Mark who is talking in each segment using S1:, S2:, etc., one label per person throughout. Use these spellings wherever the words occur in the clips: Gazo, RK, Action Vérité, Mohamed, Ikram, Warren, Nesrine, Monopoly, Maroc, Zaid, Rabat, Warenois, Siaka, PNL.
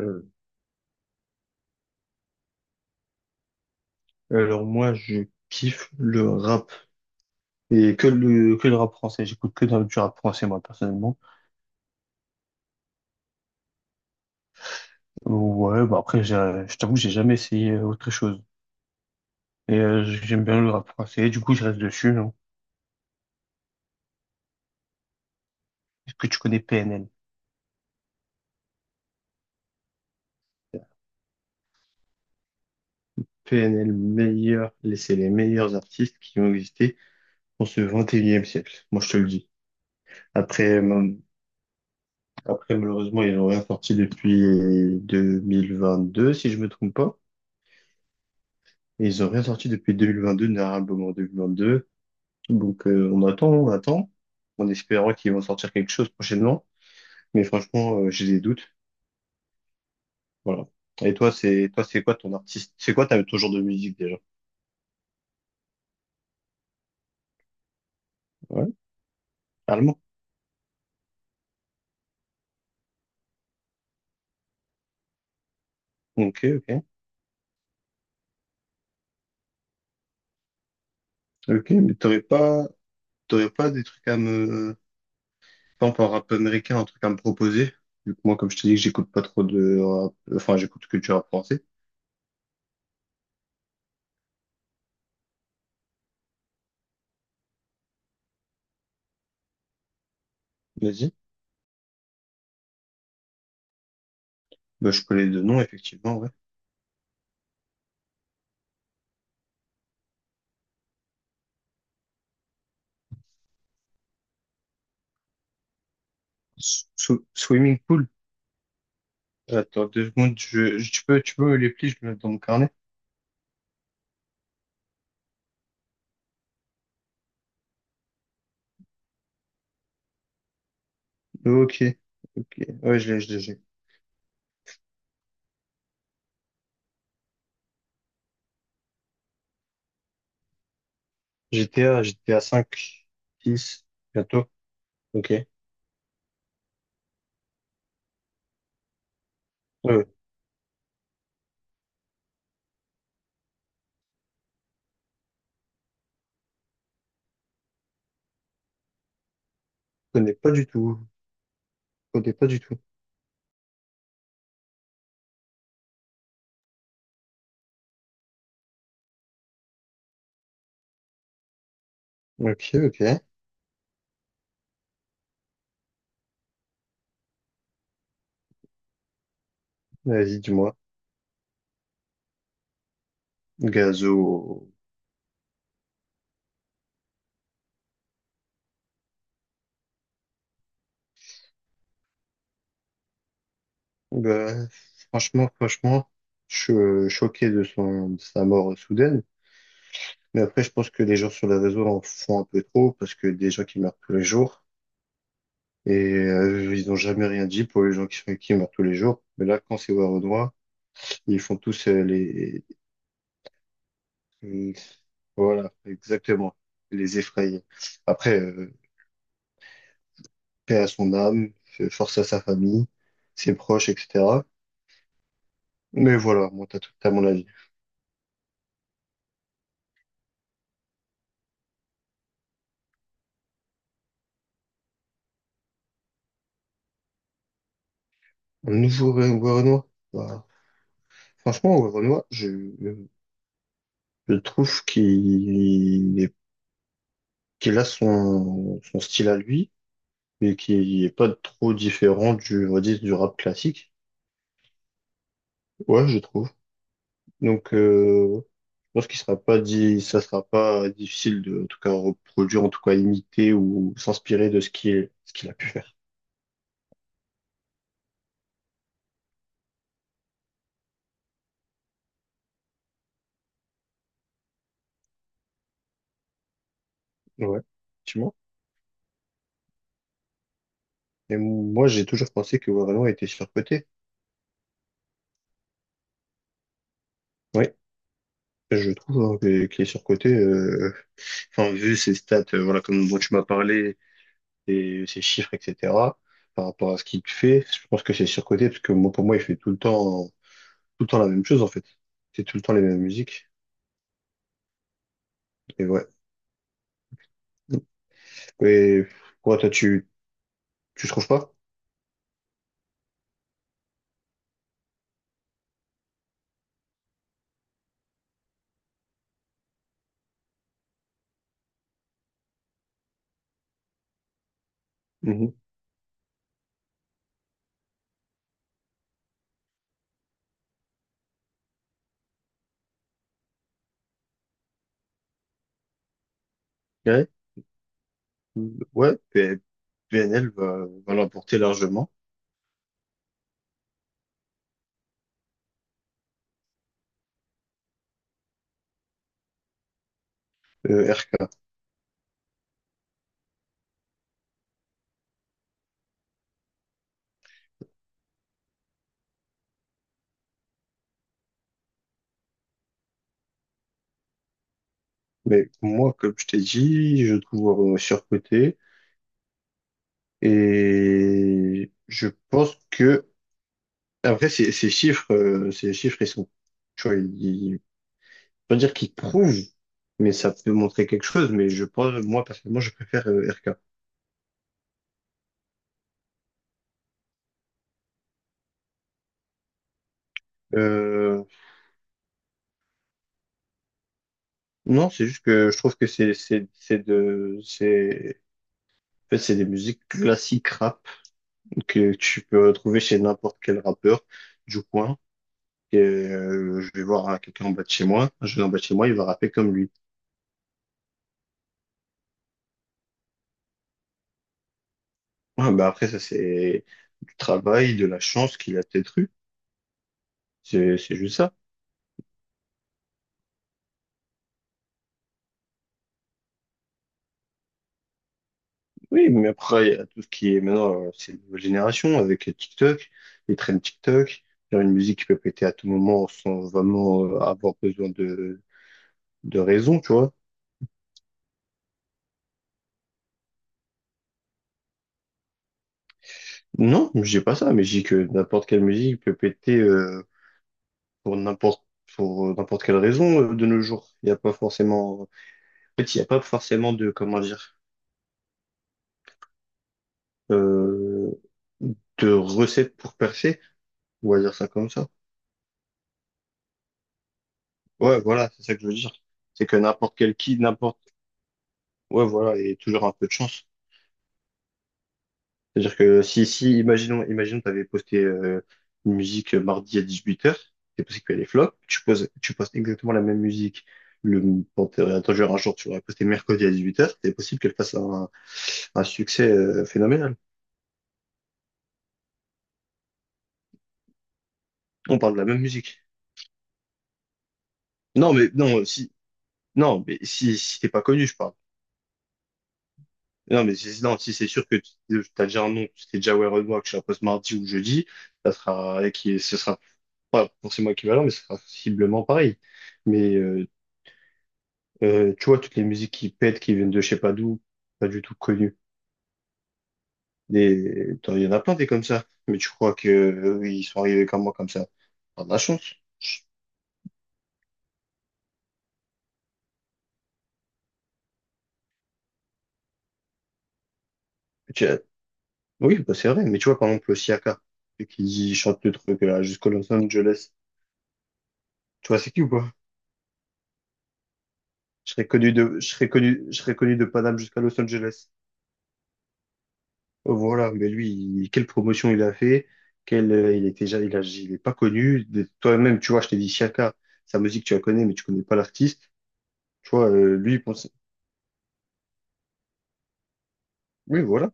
S1: Euh, alors moi, je kiffe le rap et que le rap français. J'écoute que du rap français moi personnellement. Ouais, bah après, je t'avoue, que j'ai jamais essayé autre chose. Et j'aime bien le rap français. Du coup, je reste dessus. Non. Est-ce que tu connais PNL? PNL meilleur, c'est les meilleurs artistes qui ont existé dans ce 21e siècle. Moi, je te le dis. Après, euh, après malheureusement, ils n'ont rien sorti depuis 2022, si je me trompe pas. Et ils n'ont rien sorti depuis 2022, Narab en 2022. Donc on attend, en espérant qu'ils vont sortir quelque chose prochainement. Mais franchement, j'ai des doutes. Voilà. Et toi, c'est quoi ton artiste? C'est quoi ton genre de musique déjà? Ouais, allemand. Ok, ok. Ok, mais t'aurais pas des trucs par exemple, en rap américain, un truc à me proposer? Vu que moi, comme je te dis que j'écoute pas trop de rap, enfin, j'écoute que du rap français. Vas-y. Bah, je connais deux noms, effectivement, ouais. Swimming pool. Attends deux secondes, tu peux me les plis, je me les mets dans mon carnet. Ok, ok. Ouais, je l'ai. GTA, GTA 5, 6, bientôt. Ok. Ouais, ouais. Je connais pas du tout. Je connais pas du tout. Ok, ok. Vas-y, dis-moi. Gazo. Bah, franchement, je suis choqué de sa mort soudaine. Mais après, je pense que les gens sur les réseaux en font un peu trop parce que des gens qui meurent tous les jours et ils n'ont jamais rien dit pour les gens qui meurent tous les jours. Mais là, quand c'est Warenois, ils font tous. Voilà, exactement. Les effrayer. Après, paix à son âme, force à sa famille, ses proches, etc. Mais voilà, moi, t'as tout à mon avis. Un nouveau Werenoi. Bah, franchement, Werenoi, je trouve qu'il a son style à lui, mais qui est pas trop différent du, on va dire, du rap classique. Ouais, je trouve. Donc, je pense qu'il sera pas dit, ça sera pas difficile de, en tout cas, reproduire, en tout cas, imiter ou s'inspirer de ce qu'il a pu faire. Ouais, effectivement. Et moi, j'ai toujours pensé que Warren était surcoté. Oui, je trouve hein, qu'il est surcoté. Enfin, vu ses stats, voilà, comme dont tu m'as parlé, et ses chiffres, etc. Par rapport à ce qu'il fait, je pense que c'est surcoté parce que moi, pour moi, il fait tout le temps la même chose en fait. C'est tout le temps les mêmes musiques. Et ouais. Et ouais, toi, tu trouves pas? Mhm. Ouais. Ouais, PNL va l'emporter largement. RK. Mais moi, comme je t'ai dit, je trouve surcoté et je pense que après ces chiffres, ils sont, tu vois, pas dire qu'ils prouvent, mais ça peut montrer quelque chose. Mais je pense, moi personnellement, je préfère RK. Euh, non, c'est juste que je trouve que c'est de c'est en fait c'est des musiques classiques rap que tu peux retrouver chez n'importe quel rappeur du coin. Et, je vais voir hein, quelqu'un en bas de chez moi, je vais en bas de chez moi, il va rapper comme lui. Ouais, bah après, ça, c'est du travail, de la chance qu'il a peut-être eu. C'est juste ça. Oui, mais après, il y a tout ce qui est maintenant, c'est une nouvelle génération avec TikTok, les trends TikTok, faire une musique qui peut péter à tout moment sans vraiment avoir besoin de raison, tu vois. Non, j'ai pas ça, mais j'ai que n'importe quelle musique peut péter pour n'importe quelle raison de nos jours. Il n'y a pas forcément de, comment dire, euh, de recette pour percer. On va dire ça comme ça. Ouais, voilà, c'est ça que je veux dire. C'est que n'importe quel qui, n'importe, ouais, voilà, et toujours un peu de chance. C'est-à-dire que si, imaginons, tu avais posté une musique mardi à 18 h, c'est possible qu'elle est flop, tu postes exactement la même musique, le, bon, attends, un jour, tu l'aurais postée mercredi à 18 h, c'est possible qu'elle fasse un succès phénoménal. On parle de la même musique. Non, mais, non, si, non, mais si t'es pas connu, je parle. Non, mais si, non, si c'est sûr que t'as déjà un nom, tu t'es déjà aware of moi, que je la poste mardi ou jeudi, ça sera, et qui, ce sera pas forcément équivalent, mais ce sera sensiblement pareil. Mais tu vois, toutes les musiques qui pètent, qui viennent de je sais pas d'où, pas du tout connues. Il y en a plein des comme ça. Mais tu crois que ils sont arrivés comme moi, comme ça? T'as de la chance. Tu as- Oui, bah, c'est vrai. Mais tu vois, par exemple, le Siaka, celui qui chante le truc là jusqu'à Los Angeles. Tu vois, c'est qui ou pas? Je serais connu de, je serais connu de Paname jusqu'à Los Angeles. Oh, voilà. Mais lui, quelle promotion il a fait? Quel, il était déjà, il a, il est pas connu. Toi-même, tu vois, je t'ai dit Siaka, sa musique, tu la connais, mais tu connais pas l'artiste. Tu vois, lui. Oui, voilà.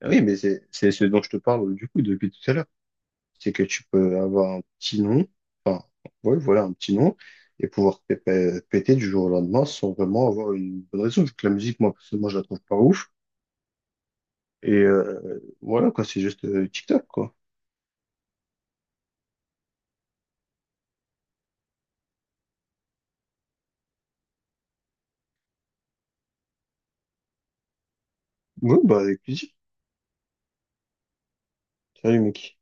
S1: Ah oui, mais c'est ce dont je te parle du coup depuis tout à l'heure. C'est que tu peux avoir un petit nom, enfin, ouais, voilà, un petit nom, et pouvoir péter du jour au lendemain sans vraiment avoir une bonne raison. Vu que la musique, moi, personnellement, je la trouve pas ouf. Et voilà, quoi, c'est juste TikTok, quoi. Ouais, bah, avec plaisir. Salut, mec.